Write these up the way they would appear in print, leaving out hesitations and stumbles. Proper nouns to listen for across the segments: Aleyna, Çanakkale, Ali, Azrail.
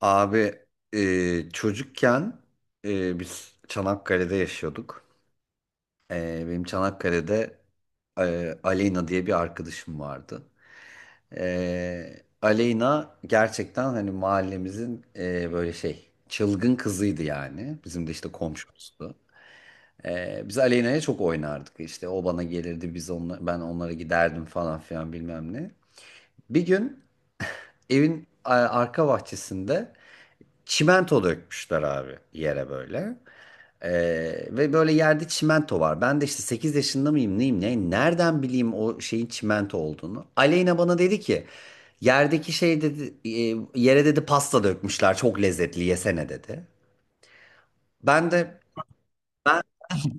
Abi, çocukken biz Çanakkale'de yaşıyorduk. Benim Çanakkale'de Aleyna diye bir arkadaşım vardı. Aleyna gerçekten hani mahallemizin böyle şey çılgın kızıydı yani. Bizim de işte komşumuzdu. Biz Aleyna'ya çok oynardık. İşte o bana gelirdi, biz onla, ben onlara giderdim falan filan bilmem ne. Bir gün evin arka bahçesinde çimento dökmüşler abi yere böyle. Ee, Ve böyle yerde çimento var. Ben de işte 8 yaşında mıyım neyim ne? Nereden bileyim o şeyin çimento olduğunu? Aleyna bana dedi ki yerdeki şey dedi yere dedi pasta dökmüşler çok lezzetli yesene dedi. Ben de ben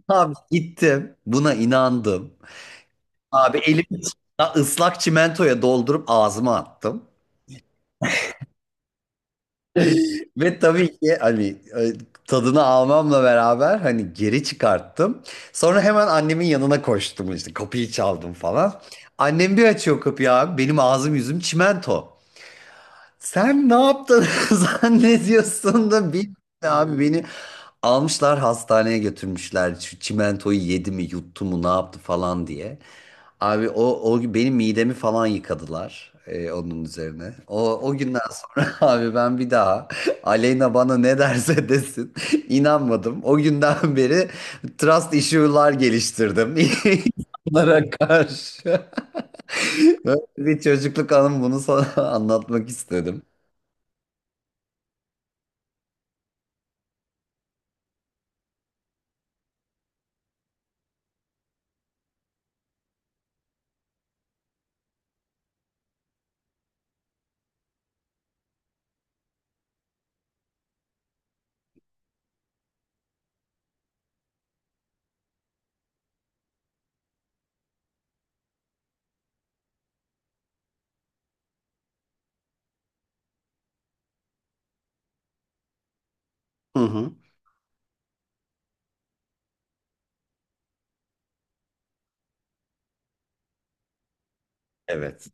abi gittim buna inandım. Abi elimi ıslak çimentoya doldurup ağzıma attım. Ve tabii ki hani e, tadını almamla beraber hani geri çıkarttım. Sonra hemen annemin yanına koştum işte kapıyı çaldım falan. Annem bir açıyor kapıyı abi benim ağzım yüzüm çimento. Sen ne yaptın zannediyorsun da bilmiyorum. Abi beni almışlar hastaneye götürmüşler. Şu çimentoyu yedi mi yuttu mu ne yaptı falan diye. Abi o benim midemi falan yıkadılar onun üzerine. O günden sonra abi ben bir daha Aleyna bana ne derse desin inanmadım. O günden beri trust issue'lar geliştirdim insanlara karşı. Böyle bir çocukluk anım, bunu sana anlatmak istedim. Hı hı. Evet.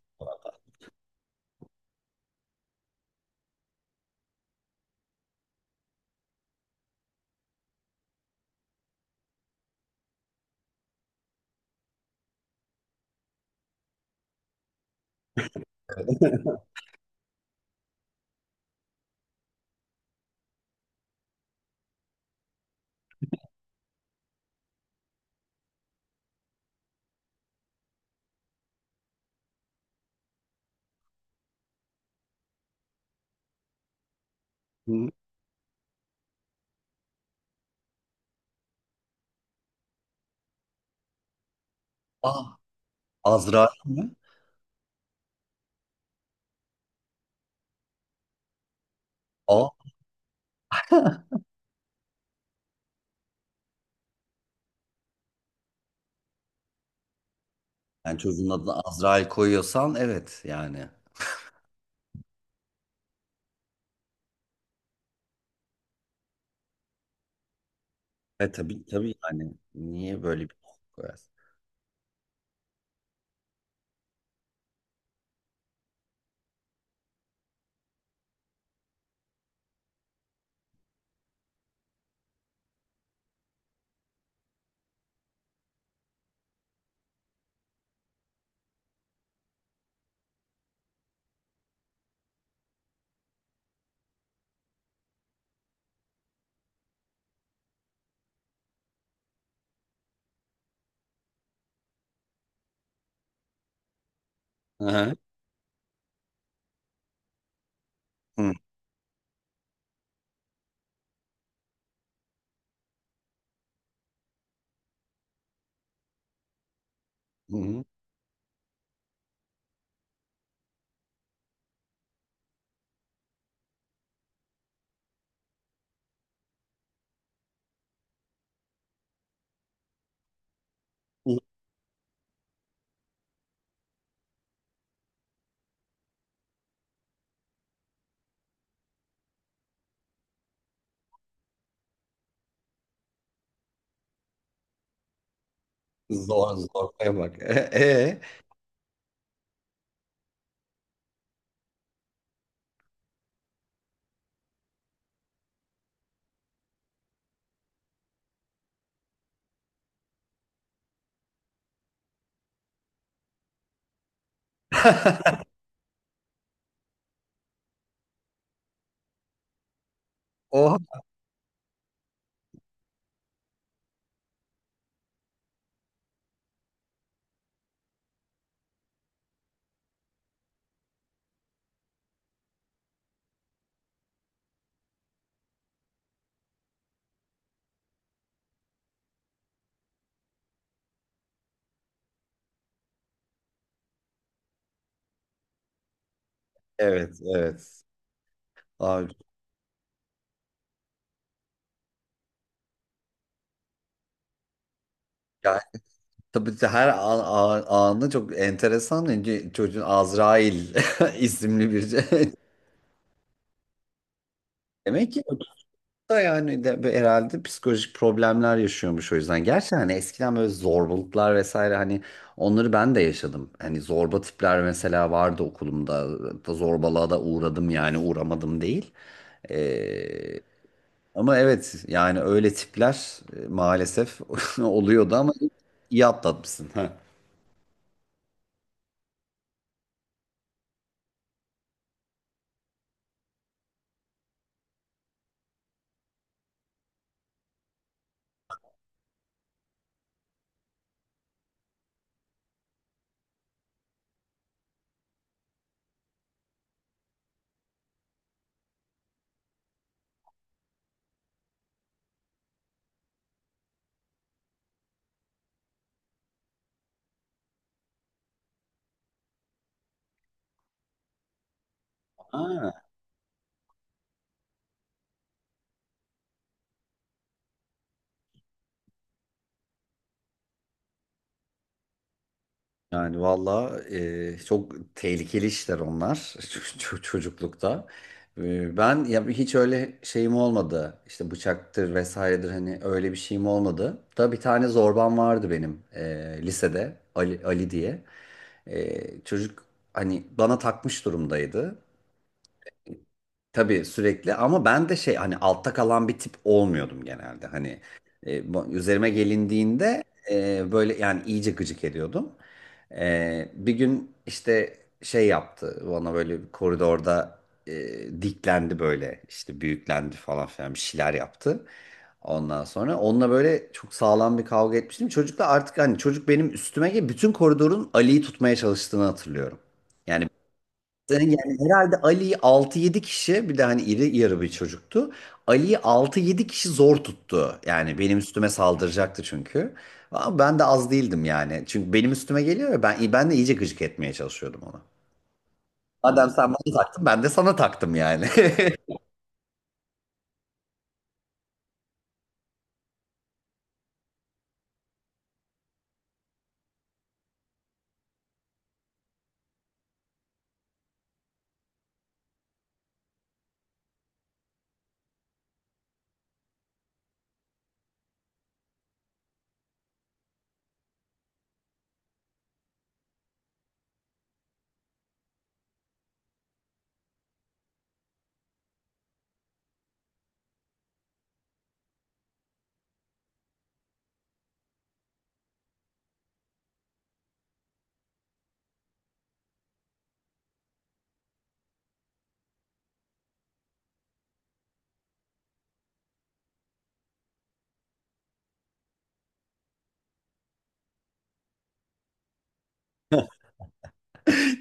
Hı. Ah, Azrail mi? Ah. Yani çocuğun adını Azrail koyuyorsan evet yani. E tabii tabii yani. Niye böyle bir şey koyarsın? Hı hı. Hı hı. Zor zor koymak. E? O, evet evet. Abi, yani tabii ki her an, anı çok enteresan. Önce çocuğun Azrail isimli bir şey. Demek ki da yani de böyle herhalde psikolojik problemler yaşıyormuş o yüzden. Gerçi hani eskiden böyle zorbalıklar vesaire hani onları ben de yaşadım. Hani zorba tipler mesela vardı okulumda. Da zorbalığa da uğradım yani uğramadım değil. Ee, Ama evet yani öyle tipler maalesef oluyordu ama iyi atlatmışsın. Ha. Ha. Yani valla çok tehlikeli işler onlar, çocuklukta. Ben ya hiç öyle şeyim olmadı. İşte bıçaktır vesairedir hani öyle bir şeyim olmadı. Da bir tane zorbam vardı benim lisede, Ali diye. Çocuk hani bana takmış durumdaydı. Tabii sürekli ama ben de şey hani altta kalan bir tip olmuyordum genelde. Hani üzerime gelindiğinde böyle yani iyice gıcık ediyordum. Bir gün işte şey yaptı bana böyle bir koridorda diklendi böyle işte büyüklendi falan filan bir şeyler yaptı. Ondan sonra onunla böyle çok sağlam bir kavga etmiştim. Çocukla artık hani çocuk benim üstüme gelip bütün koridorun Ali'yi tutmaya çalıştığını hatırlıyorum. Yani yani herhalde Ali'yi altı yedi kişi, bir de hani iri yarı bir çocuktu. Ali'yi altı yedi kişi zor tuttu. Yani benim üstüme saldıracaktı çünkü. Ama ben de az değildim yani. Çünkü benim üstüme geliyor ya, ben de iyice gıcık etmeye çalışıyordum ona. Madem sen bana taktın, ben de sana taktım yani.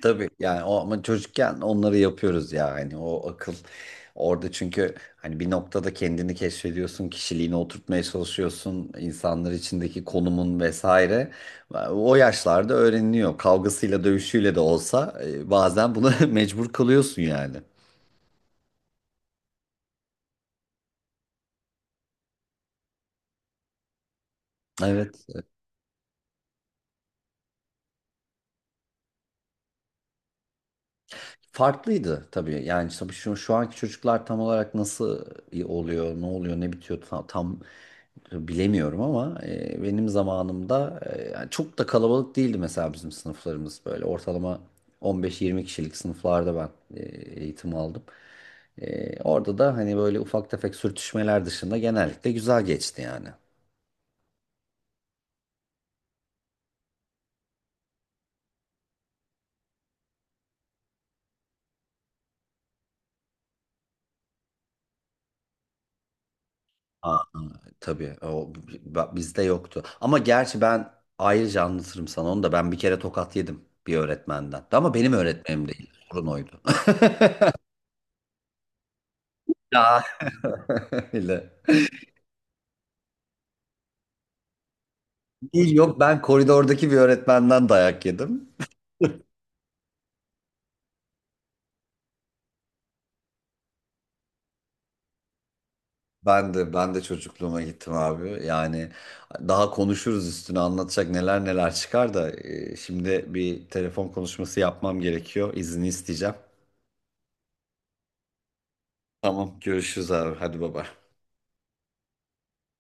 Tabii yani o ama çocukken onları yapıyoruz ya, hani o akıl orada, çünkü hani bir noktada kendini keşfediyorsun, kişiliğini oturtmaya çalışıyorsun, insanlar içindeki konumun vesaire o yaşlarda öğreniliyor, kavgasıyla dövüşüyle de olsa bazen buna mecbur kalıyorsun yani. Evet. Farklıydı tabii. Yani tabii şu anki çocuklar tam olarak nasıl oluyor, ne oluyor, ne bitiyor, tam bilemiyorum ama benim zamanımda yani çok da kalabalık değildi mesela, bizim sınıflarımız böyle ortalama 15-20 kişilik sınıflarda ben e, eğitim aldım. E, orada da hani böyle ufak tefek sürtüşmeler dışında genellikle güzel geçti yani. Tabii o bizde yoktu. Ama gerçi ben ayrıca anlatırım sana onu da, ben bir kere tokat yedim bir öğretmenden. Ama benim öğretmenim değil. Sorun oydu. Ya. Öyle. Değil, yok, ben koridordaki bir öğretmenden dayak yedim. Ben de çocukluğuma gittim abi. Yani daha konuşuruz üstüne, anlatacak neler neler çıkar da şimdi bir telefon konuşması yapmam gerekiyor. İzni isteyeceğim. Tamam, görüşürüz abi. Hadi baba.